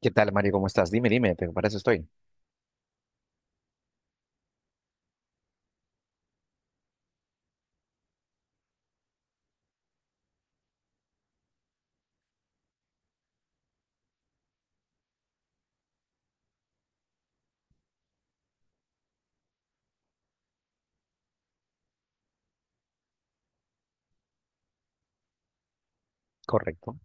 ¿Qué tal, Mario? ¿Cómo estás? Dime, pero para eso estoy. Correcto.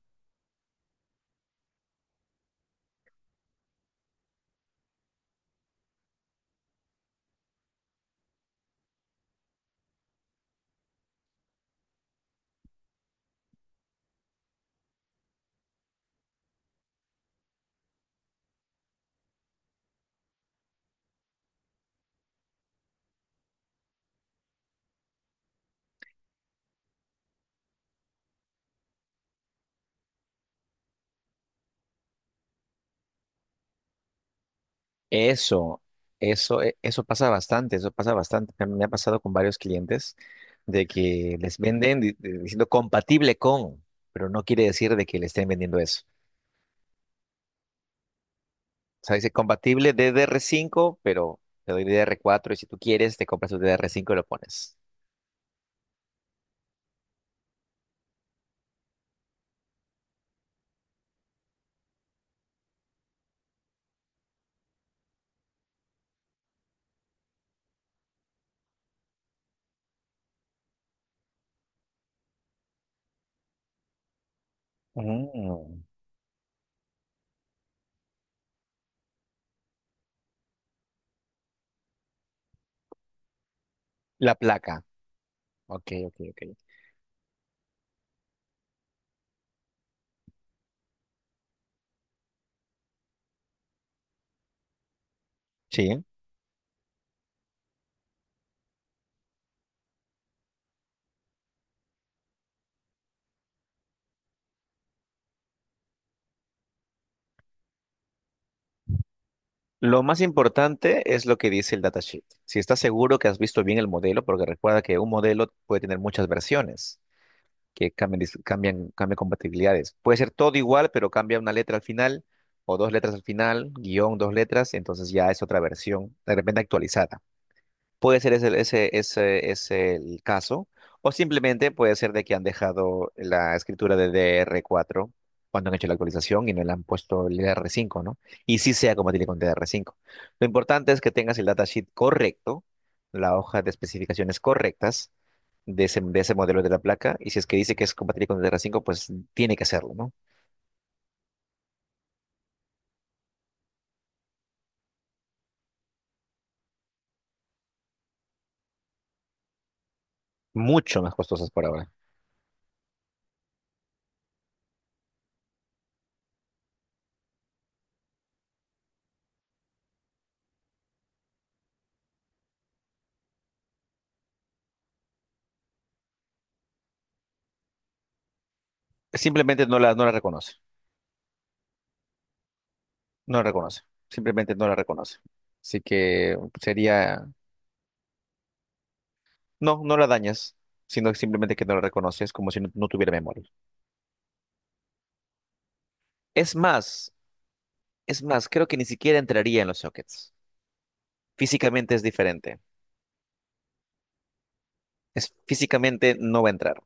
Eso, eso pasa bastante, eso pasa bastante. Me ha pasado con varios clientes de que les venden diciendo compatible con, pero no quiere decir de que le estén vendiendo eso. O sea, dice compatible DDR5, pero te doy DDR4, y si tú quieres te compras el DDR5 y lo pones. Mm. La placa. Ok, ok, ok. Sí. Lo más importante es lo que dice el datasheet. Si estás seguro que has visto bien el modelo, porque recuerda que un modelo puede tener muchas versiones que cambian, cambian compatibilidades. Puede ser todo igual, pero cambia una letra al final o dos letras al final, guión, dos letras, entonces ya es otra versión, de repente actualizada. Puede ser ese es el caso, o simplemente puede ser de que han dejado la escritura de dr cuatro cuando han hecho la actualización y no le han puesto el dr cinco, ¿no? Y sí sea compatible con dr cinco. Lo importante es que tengas el datasheet correcto, la hoja de especificaciones correctas de ese modelo de la placa, y si es que dice que es compatible con dr cinco, pues tiene que hacerlo, ¿no? Mucho más costosas por ahora. Simplemente no la reconoce, no la reconoce, simplemente no la reconoce. Así que sería... No, no la dañas, sino simplemente que no la reconoces como si no, no tuviera memoria. Es más, es más, creo que ni siquiera entraría en los sockets. Físicamente es diferente. Es, físicamente no va a entrar.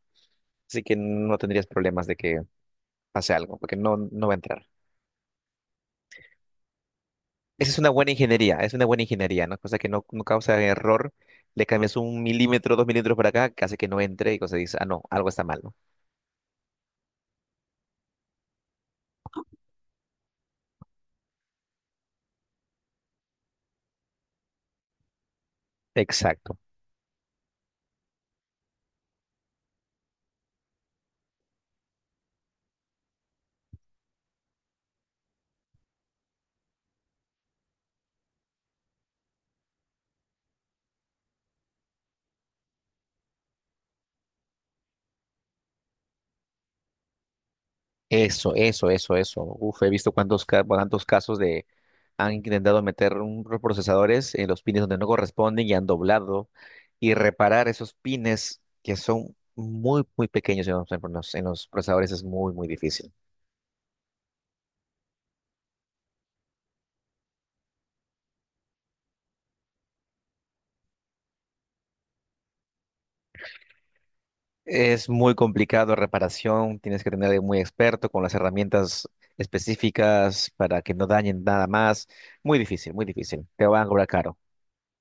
Así que no tendrías problemas de que pase algo, porque no, no va a entrar. Esa es una buena ingeniería, es una buena ingeniería, ¿no? Cosa que no, no causa error. Le cambias un milímetro, dos milímetros para acá, que hace que no entre y cosa dice, ah, no, algo está mal, ¿no? Exacto. Eso. Uf, he visto cuántos, cuántos casos de. Han intentado meter unos procesadores en los pines donde no corresponden y han doblado, y reparar esos pines que son muy, muy pequeños en en los procesadores es muy, muy difícil. Es muy complicado reparación, tienes que tener a alguien muy experto con las herramientas específicas para que no dañen nada más. Muy difícil, muy difícil. Te van a cobrar caro.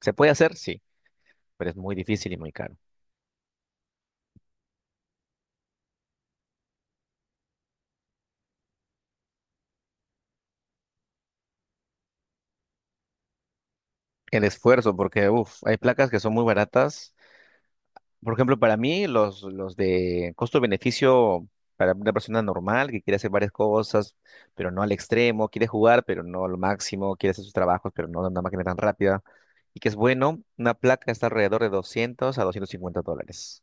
¿Se puede hacer? Sí, pero es muy difícil y muy caro. El esfuerzo, porque uf, hay placas que son muy baratas. Por ejemplo, para mí, los de costo-beneficio para una persona normal que quiere hacer varias cosas, pero no al extremo, quiere jugar, pero no a lo máximo, quiere hacer sus trabajos, pero no de una máquina tan rápida, y que es bueno, una placa está alrededor de 200 a $250.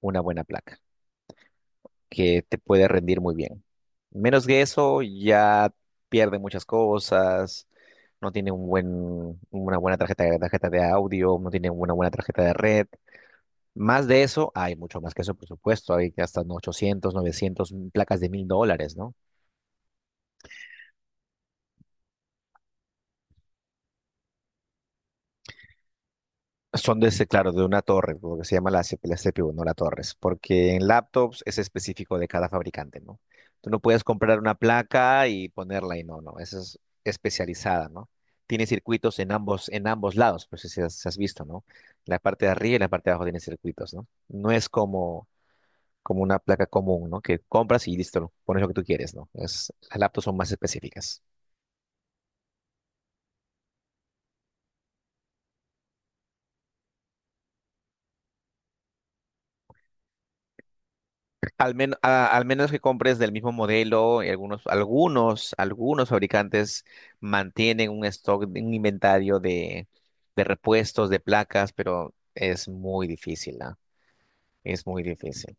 Una buena placa, que te puede rendir muy bien. Menos que eso, ya pierde muchas cosas, no tiene un buen, una buena tarjeta, tarjeta de audio, no tiene una buena tarjeta de red. Más de eso, hay mucho más que eso, por supuesto. Hay que hasta 800, 900, placas de $1000, ¿no? Son de ese, claro, de una torre, lo que se llama la, la CPU, no la torres, porque en laptops es específico de cada fabricante, ¿no? Tú no puedes comprar una placa y ponerla y no, no, esa es especializada, ¿no? Tiene circuitos en ambos lados, pues si has visto, ¿no? La parte de arriba y la parte de abajo tiene circuitos, ¿no? No es como, como una placa común, ¿no? Que compras y listo, pones lo que tú quieres, ¿no? Es, las laptops son más específicas. Al menos que compres del mismo modelo, y algunos fabricantes mantienen un stock, un inventario de repuestos, de placas, pero es muy difícil, ¿ah? Es muy difícil.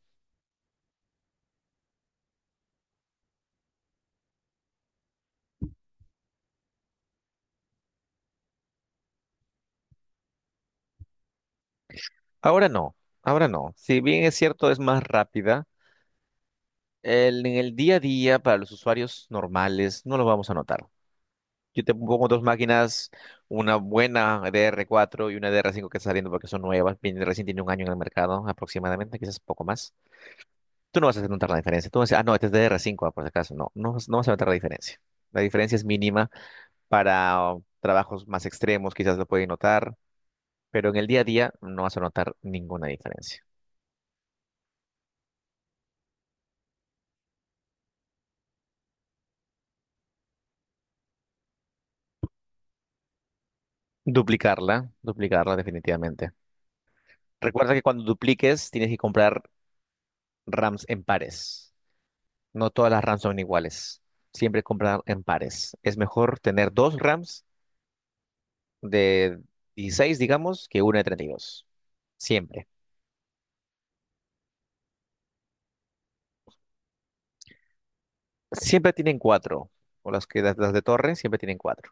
Ahora no, ahora no. Si bien es cierto, es más rápida, en el día a día para los usuarios normales no lo vamos a notar. Yo te pongo dos máquinas, una buena dr cuatro y una dr cinco que está saliendo porque son nuevas, recién tiene un año en el mercado aproximadamente, quizás poco más. Tú no vas a notar la diferencia. Tú vas a decir, ah, no, este es DR5, ah, por si acaso. No, no, no vas a notar la diferencia. La diferencia es mínima para trabajos más extremos, quizás lo pueden notar, pero en el día a día no vas a notar ninguna diferencia. Duplicarla definitivamente. Recuerda que cuando dupliques tienes que comprar RAMs en pares. No todas las RAMs son iguales. Siempre comprar en pares. Es mejor tener dos RAMs de 16, digamos, que una de 32. Siempre. Siempre tienen cuatro. O las que las de torre siempre tienen cuatro.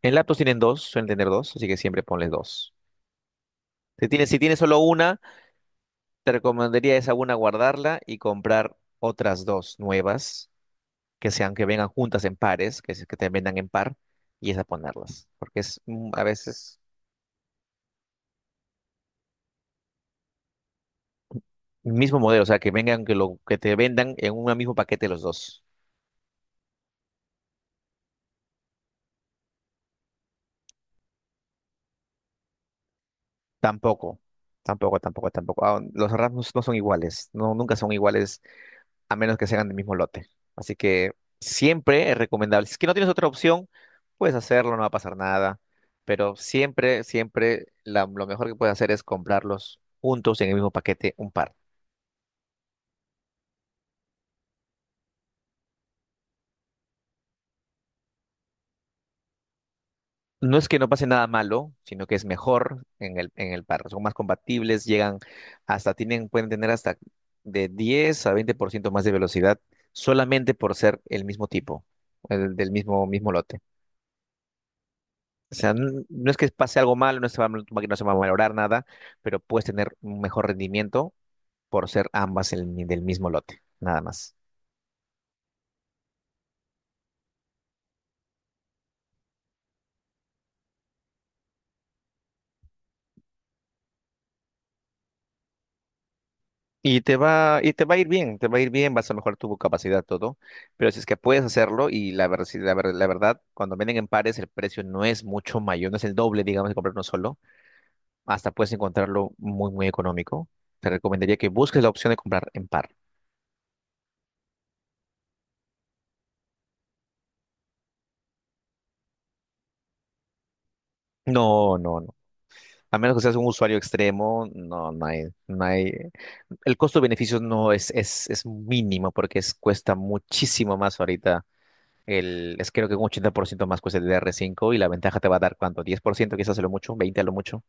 En laptops tienen dos, suelen tener dos, así que siempre ponles dos. Si tienes solo una, te recomendaría esa una guardarla y comprar otras dos nuevas, que sean que vengan juntas en pares, que, que te vendan en par, y esas ponerlas. Porque es a veces el mismo modelo, o sea, que vengan, que lo que te vendan en un mismo paquete los dos. Tampoco, tampoco. Ah, los RAMs no son iguales, no, nunca son iguales a menos que sean del mismo lote. Así que siempre es recomendable. Si es que no tienes otra opción, puedes hacerlo, no va a pasar nada. Pero siempre, siempre lo mejor que puedes hacer es comprarlos juntos en el mismo paquete, un par. No es que no pase nada malo, sino que es mejor en en el par. Son más compatibles, llegan hasta, tienen, pueden tener hasta de 10 a 20% más de velocidad solamente por ser el mismo tipo, el del mismo, mismo lote. O sea, no es que pase algo malo, no se va, tu máquina no se va a valorar nada, pero puedes tener un mejor rendimiento por ser ambas el del mismo lote, nada más. Y te va a ir bien, te va a ir bien, vas a mejorar tu capacidad, todo. Pero si es que puedes hacerlo, y la, ver- si la, ver- la verdad, cuando venden en pares, el precio no es mucho mayor, no es el doble, digamos, de comprar uno solo. Hasta puedes encontrarlo muy, muy económico. Te recomendaría que busques la opción de comprar en par. No, no, no. A menos que seas un usuario extremo, no, no hay. El costo-beneficio no es, es mínimo porque es, cuesta muchísimo más ahorita. Es creo que un 80% más cuesta el dr cinco y la ventaja te va a dar cuánto, 10% quizás a lo mucho, 20 a lo mucho.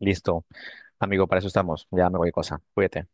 Listo, amigo, para eso estamos. Ya me voy cosa. Cuídate.